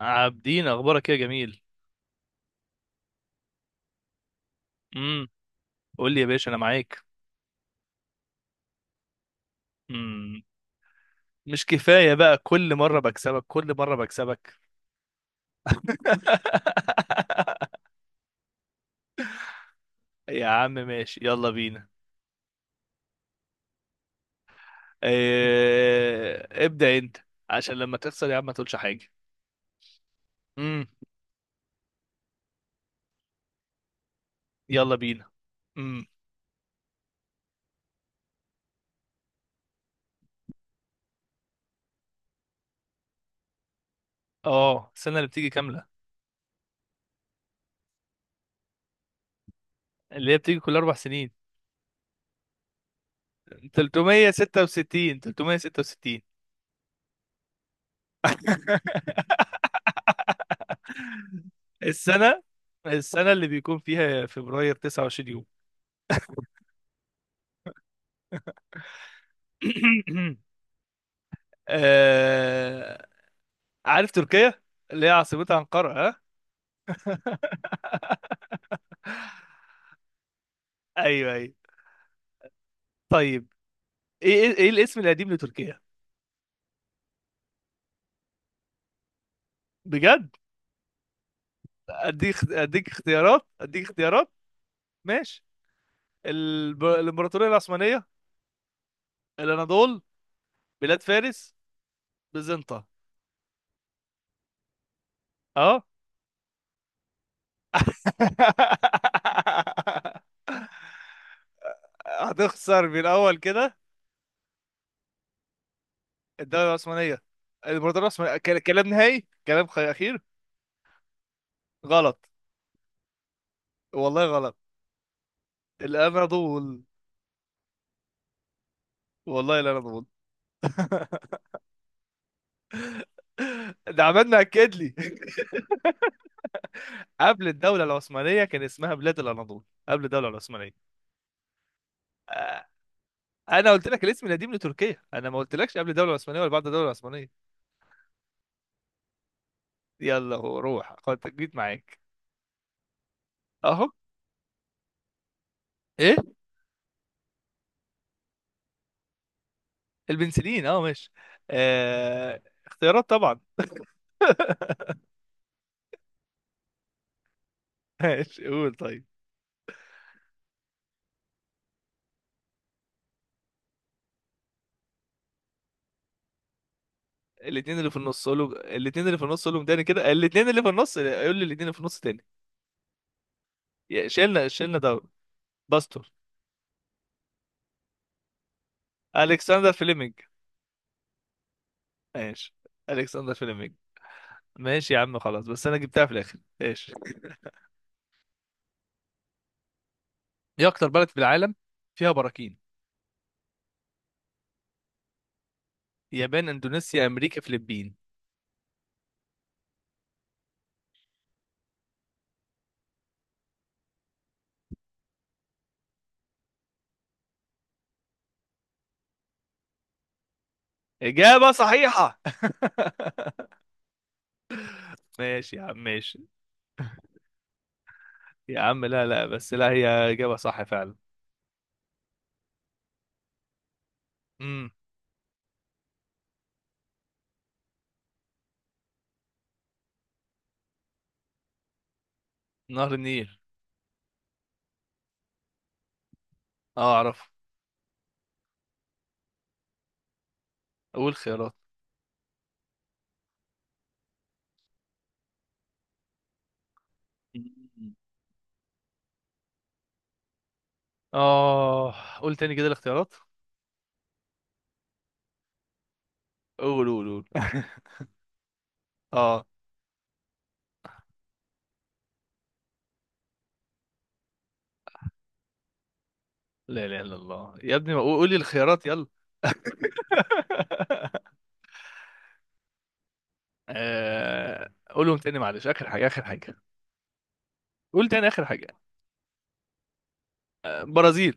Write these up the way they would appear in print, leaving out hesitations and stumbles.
عابدين، اخبارك إيه يا جميل؟ امم قول لي يا باشا انا معاك. امم مش كفايه بقى كل مره بكسبك كل مره بكسبك؟ يا عم ماشي، يلا بينا. ابدا انت، عشان لما تخسر يا عم ما تقولش حاجه. امم يلا بينا. امم اه، السنه اللي بتيجي كامله، اللي هي بتيجي كل اربع سنين. 366، 366. السنه السنه اللي بيكون فيها فبراير 29 يوم. آه، عارف تركيا؟ اللي هي عاصمتها أنقرة، ها؟ ايوه ايوه، طيب. ايه ايه إيه الاسم القديم لتركيا؟ بجد. اديك اختيارات. ماشي. الامبراطوريه العثمانيه، الاناضول، بلاد فارس، بيزنطة. اه. هتخسر من الاول كده. الدوله العثمانيه، الامبراطوريه العثمانيه كلام نهائي، كلام اخير. غلط، والله غلط. الاناضول، والله الاناضول. ده عملنا اكد لي. قبل الدوله العثمانيه كان اسمها بلاد الاناضول، قبل الدوله العثمانيه. آه، انا قلت لك الاسم القديم لتركيا، انا ما قلتلكش قبل الدوله العثمانيه ولا بعد الدوله العثمانيه. يلا، هو روح خد جيت معاك. اهو. ايه؟ البنسلين، اه ماشي. آه، اختيارات طبعا. ماشي قول طيب. الاثنين اللي في النص قولوا، الاثنين اللي في النص قولهم تاني كده، الاثنين اللي في النص قول لي الاثنين اللي في النص تاني. شيلنا شيلنا ده. باستور، الكسندر فليمنج. ماشي. الكسندر فليمنج. ماشي يا عم، خلاص، بس انا جبتها في الاخر، ايش؟ ايه اكتر بلد في العالم فيها براكين؟ يابان، اندونيسيا، امريكا، فلبين. اجابة صحيحة. ماشي يا عم ماشي. يا عم لا لا، بس لا، هي اجابة صح فعلا. امم نهر النيل. اه اعرف. اقول خيارات؟ مم. اه، قول تاني كده الاختيارات. قول قول قول. اه. لا اله الا الله يا ابني، ما قول لي الخيارات، يلا. قولهم تاني، معلش، اخر حاجة اخر حاجة. قول تاني اخر حاجة. برازيل.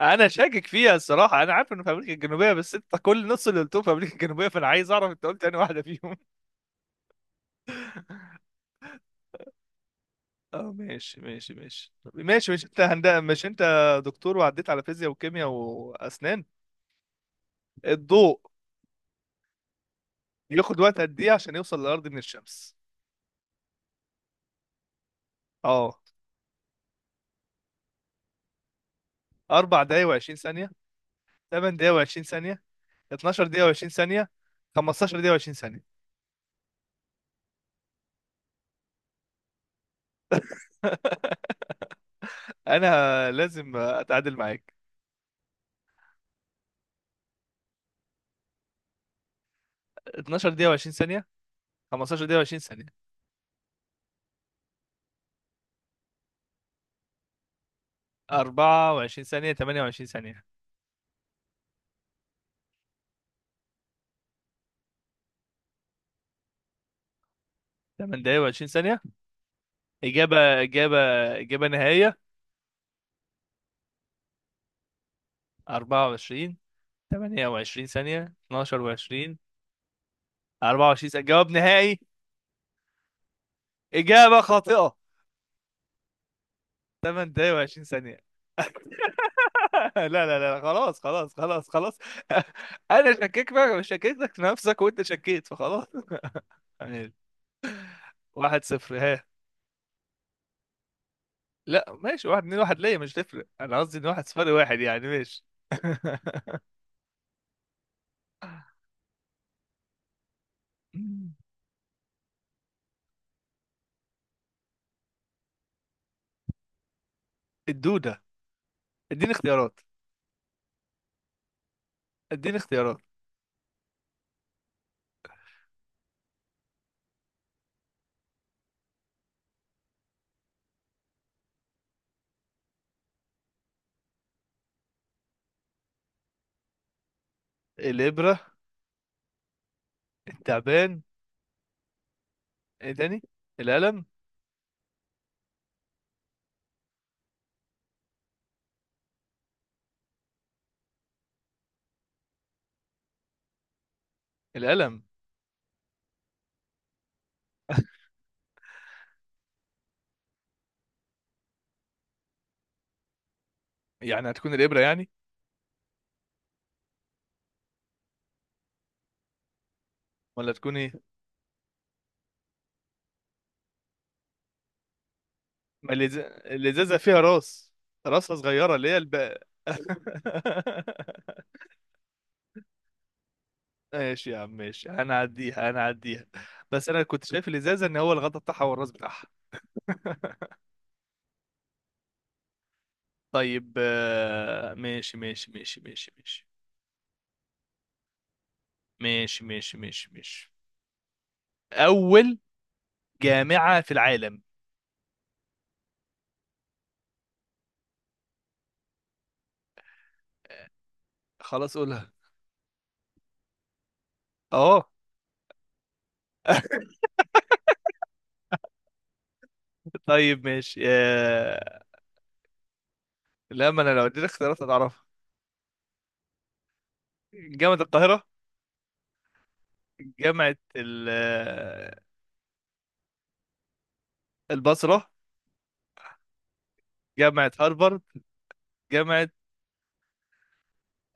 انا شاكك فيها الصراحه، انا عارف انه في امريكا الجنوبيه، بس انت كل نص اللي قلتهم في امريكا الجنوبيه، فانا عايز اعرف انت قلت انهي واحده فيهم. اه ماشي ماشي ماشي، طب ماشي. مش انت دكتور وعديت على فيزياء وكيمياء واسنان؟ الضوء ياخد وقت قد ايه عشان يوصل للارض من الشمس؟ اه. 4 دقايق و20 ثانيه، 8 دقايق و20 ثانيه، 12 دقيقه و20 ثانيه، 15 دقيقه و20 ثانيه. انا لازم اتعادل معاك. 12 دقيقه و20 ثانيه، 15 دقيقه و20 ثانيه. 24 ثانية، 28 ثانية. 8 دقايق و20 ثانية. إجابة إجابة إجابة نهائية. 24، 28 ثانية، 12 و20. 24 ثانية جواب نهائي. إجابة خاطئة. 8 دقايق و20 ثانية. لا لا لا لا، خلاص خلاص خلاص خلاص. أنا شككت بقى، شككتك في نفسك وأنت شكيت، فخلاص. يعني. واحد صفر، ها؟ لا ماشي، واحد اتنين. واحد ليا مش تفرق، أنا قصدي إن واحد صفر، واحد يعني. ماشي. الدودة، اديني اختيارات. اديني اختيارات. الابره، التعبان. ايه تاني؟ القلم. القلم. يعني هتكون الابره يعني؟ ولا تكون ايه؟ ما اللز- الازازه فيها راس، راسها صغيره اللي هي ماشي يا عم ماشي، هنعديها هنعديها. بس انا كنت شايف الازازه ان هو الغطا بتاعها والراس بتاعها. طيب، ماشي ماشي ماشي ماشي ماشي، ماشي ماشي ماشي ماشي. اول جامعه في العالم. خلاص قولها. اه. طيب ماشي، لا، ما انا لو اديتك اختيارات هتعرفها. جامعة القاهرة، جامعة ال... آه، البصرة، جامعة هارفارد، جامعة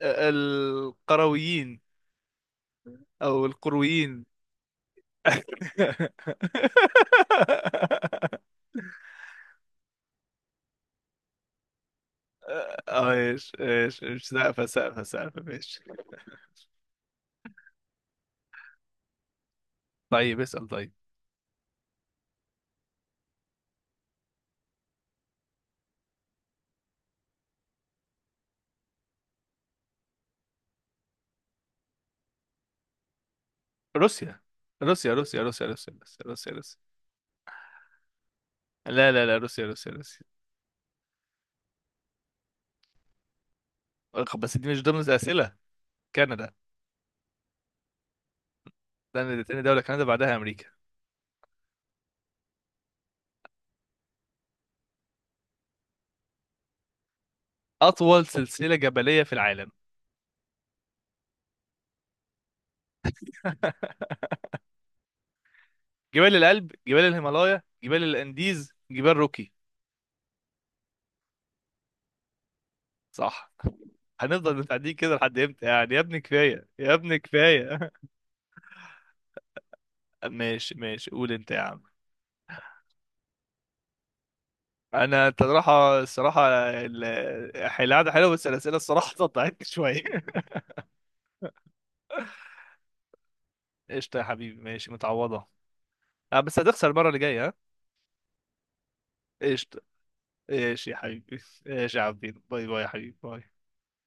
القرويين، او القرويين. اه، ايش ايش ايش سقفة سقفة سقفة ماشي. طيب اسأل طيب. روسيا روسيا روسيا روسيا روسيا روسيا روسيا روسيا. لا لا لا، روسيا روسيا روسيا. أخ، بس دي مش ضمن الأسئلة. كندا. كندا تاني دولة، كندا بعدها أمريكا. أطول سلسلة جبلية في العالم؟ جبال الألب، جبال الهيمالايا، جبال الأنديز، جبال روكي. صح. هنفضل متعدين كده لحد امتى يعني يا ابني، كفاية يا ابني كفاية. ماشي ماشي، قول انت يا عم. انا انت الصراحة الصراحة، ال- القعدة حلوة، بس الأسئلة الصراحة قطعتني شوية. قشطة يا حبيبي، ماشي، متعوضة. أه، بس هتخسر المرة اللي جاية، ها؟ قشطة، ماشي يا حبيبي. ماشي يا عبدين، باي باي يا حبيبي، باي.